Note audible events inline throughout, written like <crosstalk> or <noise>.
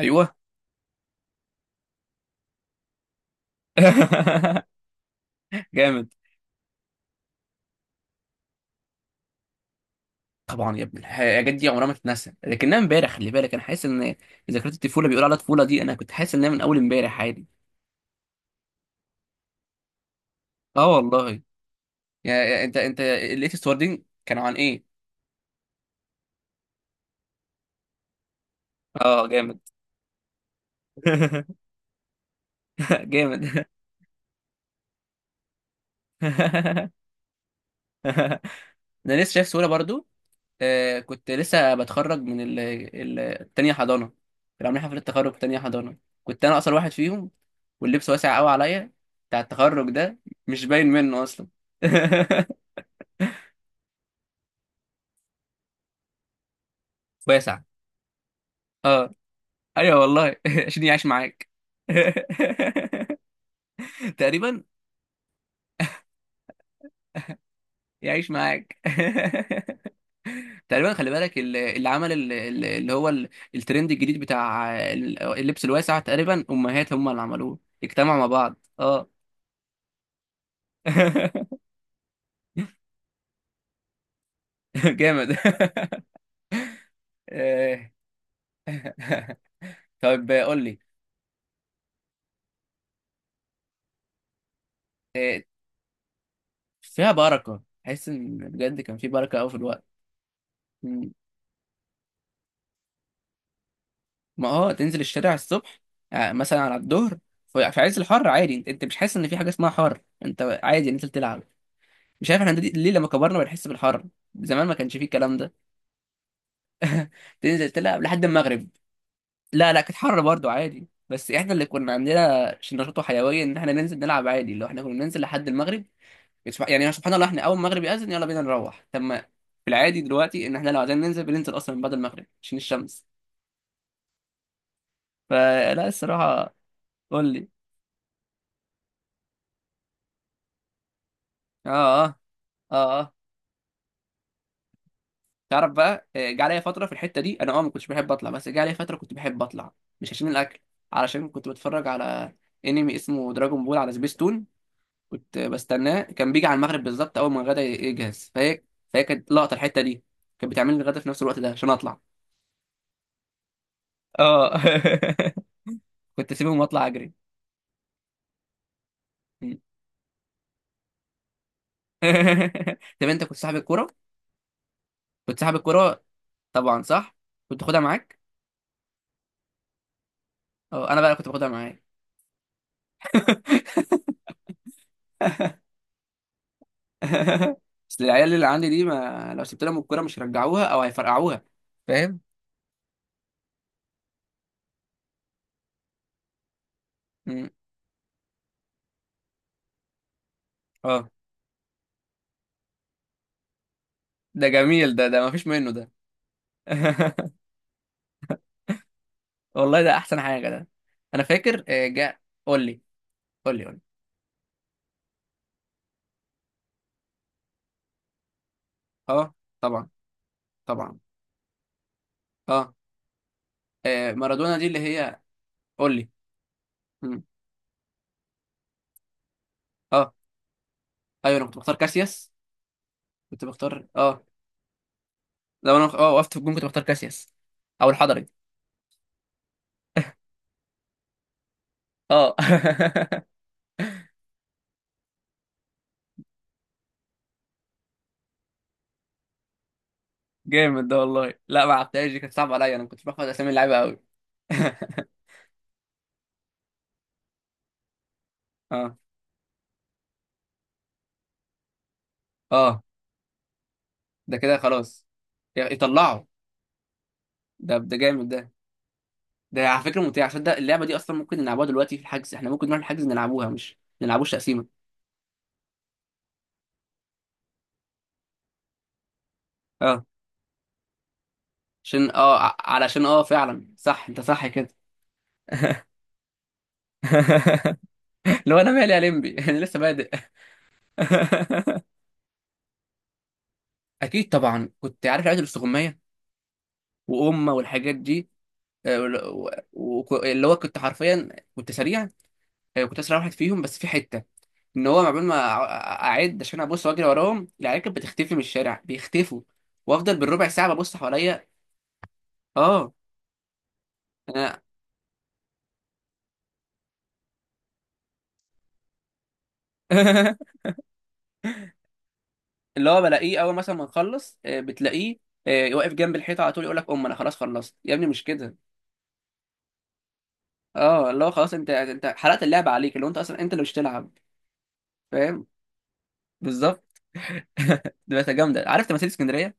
ايوه. <laughs> جامد. طبعا يا ابني، الحاجات دي عمرها ما تتنسى، لكنها امبارح. خلي بالك، انا حاسس ان ذكريات الطفوله بيقولوا عليها طفوله، دي انا كنت حاسس انها من اول امبارح عادي. اه والله. يعني انت لقيت الصور دي كانوا عن ايه؟ اه جامد. <laughs> جامد. <laughs> انا لسه شايف صوره برضو. آه، كنت لسه بتخرج من التانية حضانة. كانوا عاملين حفلة تخرج في تانية حضانة. كنت أنا أقصر واحد فيهم، واللبس واسع قوي عليا، بتاع التخرج ده، مش باين منه أصلا. <laughs> واسع، اه. أيوه والله. <laughs> عشان يعيش معاك. <laughs> تقريبا. يعيش معاك. <laughs> تقريبا. خلي بالك اللي عمل الترند الجديد بتاع اللبس الواسع، تقريبا امهات هم اللي عملوه. اجتمعوا مع بعض، اه. <laughs> <laughs> جامد. <laughs> آه. <laughs> طيب قول لي. آه، فيها بركة، حاسس ان بجد كان في بركة قوي في الوقت. مم. ما تنزل الشارع الصبح، مثلا على الظهر، في عز الحر عادي. انت مش حاسس ان في حاجة اسمها حر، انت عادي نزل تلعب. مش عارف احنا ليه لما كبرنا بنحس بالحر؟ زمان ما كانش فيه الكلام ده. تنزل تلعب لحد المغرب. لا لا، كانت حر برضو عادي، بس احنا اللي كنا عندنا نشاط وحيوية ان احنا ننزل نلعب عادي، لو احنا كنا ننزل لحد المغرب. يعني سبحان الله احنا اول ما المغرب يأذن يلا بينا نروح. طب ما في العادي دلوقتي ان احنا لو عايزين ننزل بننزل اصلا من بعد المغرب عشان الشمس. فلا، الصراحه. قول لي. اه، اه، اه، اه. تعرف بقى، جه عليا فتره في الحته دي انا ما كنتش بحب اطلع، بس جه عليا فتره كنت بحب اطلع. مش عشان الاكل. علشان كنت بتفرج على انمي اسمه دراجون بول على سبيستون. كنت بستناه، كان بيجي على المغرب بالظبط اول ما الغدا يجهز. فهي كانت لقطه الحته دي. كانت بتعمل لي الغدا في نفس الوقت ده عشان اطلع. اه. <laughs> كنت اسيبهم واطلع اجري. <laughs> طب انت كنت صاحب الكوره. كنت صاحب الكوره طبعا، صح، كنت تاخدها معاك. اه، انا بقى كنت باخدها معايا. <laughs> بس العيال اللي عندي دي، ما لو سبت لهم الكوره مش هيرجعوها او هيفرقعوها. فاهم. مم. اه، ده جميل ده ما فيش منه ده. <laughs> والله ده احسن حاجه ده. انا فاكر جاء. قول لي. قول لي، قول لي. اه، طبعا، طبعا. اه، مارادونا دي اللي هي. قول لي. مم. اه. ايوه، انا كنت بختار كاسياس. كنت بختار، اه، لو انا وقفت في الجون كنت بختار كاسياس، او الحضري. اه. <laughs> جامد ده والله، لا ما عرفتهاش دي، كانت صعبه عليا، انا ما كنتش بحفظ اسامي اللعيبه قوي. <laughs> اه، اه، ده كده خلاص يطلعوا. ده جامد ده. ده على فكره ممتع، عشان ده اللعبه دي اصلا ممكن نلعبوها دلوقتي في الحجز، احنا ممكن نروح الحجز نلعبوها مش نلعبوش تقسيمه. اه، عشان علشان فعلا صح، انت صح كده. <laughs> لو انا مالي يا لمبي. <laughs> انا لسه بادئ. <laughs> اكيد طبعا، كنت عارف لعبه الاستغمايه وامه والحاجات دي، واللي هو كنت حرفيا كنت سريع. كنت اسرع واحد فيهم، بس في حته ان هو عقبال ما اعد عشان ابص واجري وراهم، العيال كانت بتختفي من الشارع، بيختفوا وافضل بالربع ساعه ببص حواليا. اه، انا. <laughs> اللي هو بلاقيه اول مثلا ما نخلص، بتلاقيه واقف جنب الحيطه على طول، يقول لك ام انا خلاص خلصت يا ابني، مش كده. اه، اللي هو خلاص انت حرقت اللعبه عليك، اللي هو انت اصلا انت اللي مش تلعب. فاهم. بالظبط. <laughs> دي بس جامده، عارف تماثيل اسكندريه.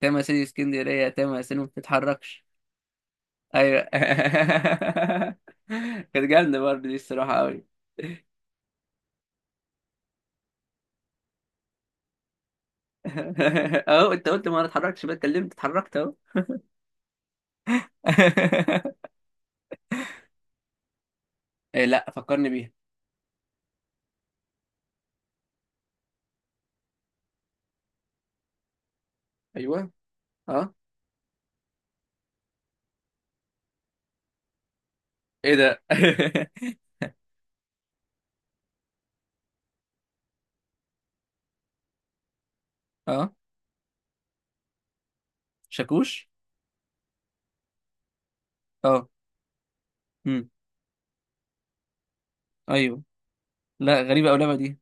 تماثيل اسكندريه، تماثيل ما بتتحركش. ايوه. <laughs> كانت جامده برضه دي الصراحه قوي. <laughs> اهو انت قلت ما اتحركتش بقى، اتكلمت اتحركت اهو. <laughs> إيه، لا فكرني بيها. ايوه، اه. ايه ده؟ <laughs> اه، شاكوش. اه. امم. ايوه. لا، غريبه قوي اللعبه دي.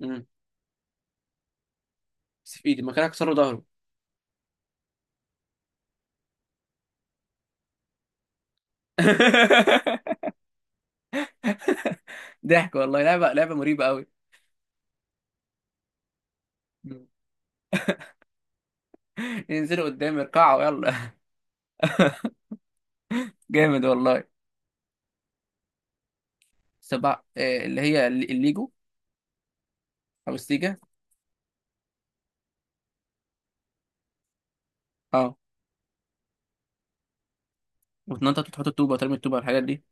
امم. بس في ايدي مكانها كسروا ظهره. <laughs> ضحك والله، لعبه لعبه مريبه قوي. مم. ينزلوا قدام يركعوا، يلا. <laughs> جامد والله. سبع إيه، اللي هي الليجو، او السيجا. اه، وتنطط وتحط الطوبه وترمي الطوبه والحاجات دي.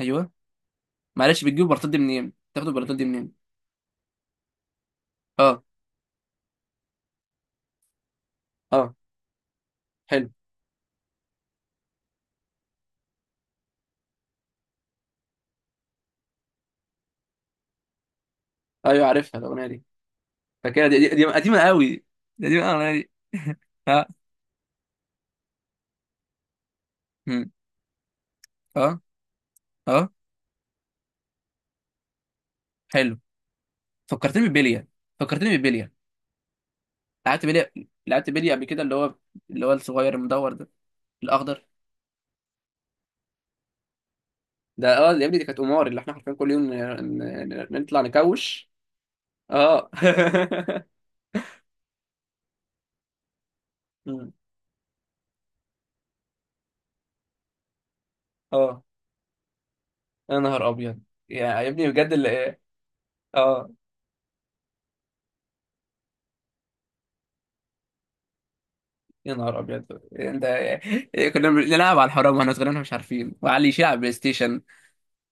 ايوه، معلش بتجيب البلاطات دي منين؟ بتاخد البلاطات دي منين؟ اه، اه. حلو. ايوه، عارفها الاغنيه دي. فاكرها، دي، دي، دي قديمه قوي. دي قديمه قوي الاغنيه دي. اه. مم. اه، اه، حلو. فكرتني ببلية، فكرتني ببلية. لعبت بلية، لعبت بلية قبل كده، اللي هو اللي هو الصغير المدور ده، الاخضر. ده اه يا ابني، دي كانت قمار، اللي احنا حرفيا كل يوم نطلع نكوش. اه. <laughs> مم. اه. يا نهار ابيض. يا ابني بجد اللي. اه، يا نهار ابيض. انت كنا بنلعب على الحرام واحنا صغيرين مش عارفين، وعلي يشيل على البلاي ستيشن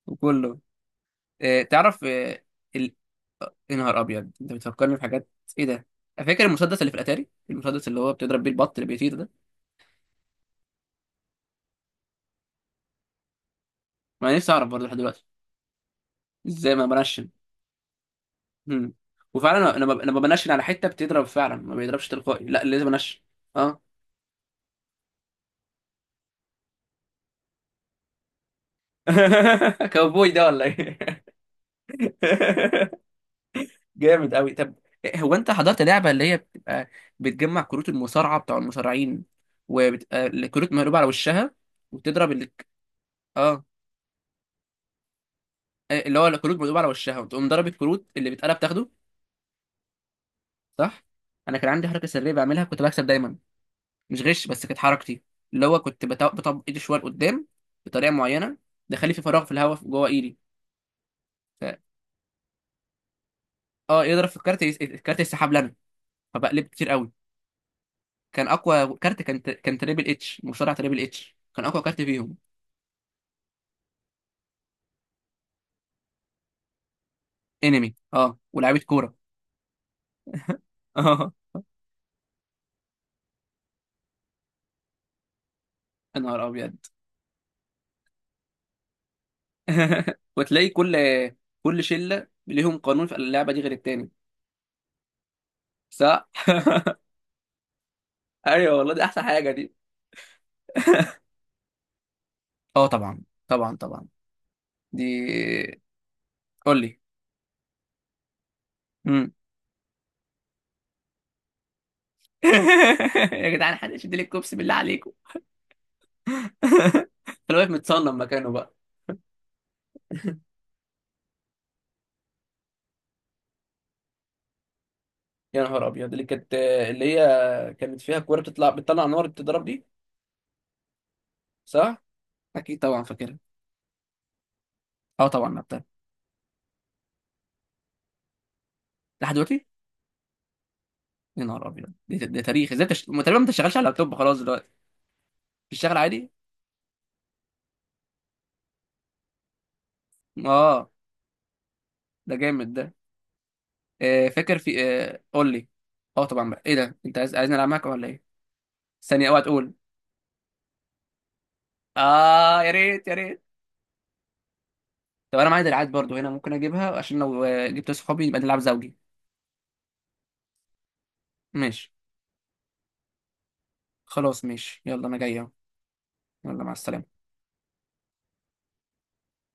وكله. إيه، تعرف إيه ال... يا نهار ابيض انت بتفكرني في حاجات. ايه ده؟ فاكر المسدس اللي في الاتاري، المسدس اللي هو بتضرب بيه البط اللي بيطير ده. ما أنا نفسي اعرف برضه لحد دلوقتي ازاي ما بنشن. مم. وفعلا أنا بنشن على حته بتضرب فعلا، ما بيضربش تلقائي، لا لازم انشن. اه. <laughs> كاوبوي ده ولا ايه؟ <laughs> جامد قوي. طب هو انت حضرت لعبه اللي هي بتبقى بتجمع كروت المصارعه بتاع المصارعين، وبتبقى الكروت مقلوبه على وشها، وتضرب اللي. اه. اللي هو الكروت مقلوبه على وشها، وتقوم ضرب الكروت اللي بتقلب تاخده. صح. انا كان عندي حركه سريه بعملها، كنت بكسب دايما. مش غش، بس كانت حركتي، اللي هو كنت بطبق ايدي شويه لقدام، بطريقه معينه، دخلي في فراغ، في الهواء، جوه ايدي. ف... اه، يضرب في الكارت، الكارت يسحب لنا، فبقلب كتير قوي. كان اقوى كارت، كان تريبل اتش، مصارع تريبل اتش كان اقوى كارت فيهم. انمي اه، ولاعيبه كوره. اه. يا نهار ابيض. <laughs> وتلاقي كل شله ليهم قانون في اللعبه دي غير التاني. صح. <laughs> ايوه والله، دي احسن حاجه دي. اه طبعا، طبعا طبعا، دي. قول لي. مم. <laughs> يا جدعان، حد يشد لي الكوبس بالله عليكم. <laughs> كان واقف متصنم مكانه بقى. يا نهار ابيض. اللي هي كانت فيها كوره بتطلع، نار بتضرب دي. صح. اكيد طبعا فاكرها. اه طبعا لعبتها. لحد دلوقتي؟ يا نهار ابيض، ده تاريخ، ازاي ما تقريبا ما تشتغلش على لابتوب خلاص دلوقتي. بتشتغل عادي. اه، ده جامد ده. آه، فاكر في، آه، قول لي. اه طبعا، بقى ايه ده، انت عايز عايزني العب معاك ولا ايه؟ ثانيه، اوعى تقول. اه، يا ريت، يا ريت. طب انا معايا دراعات برضو هنا، ممكن اجيبها عشان لو جبت صحابي يبقى نلعب زوجي. ماشي. خلاص ماشي، يلا انا جاي أهو. يلا مع السلامه.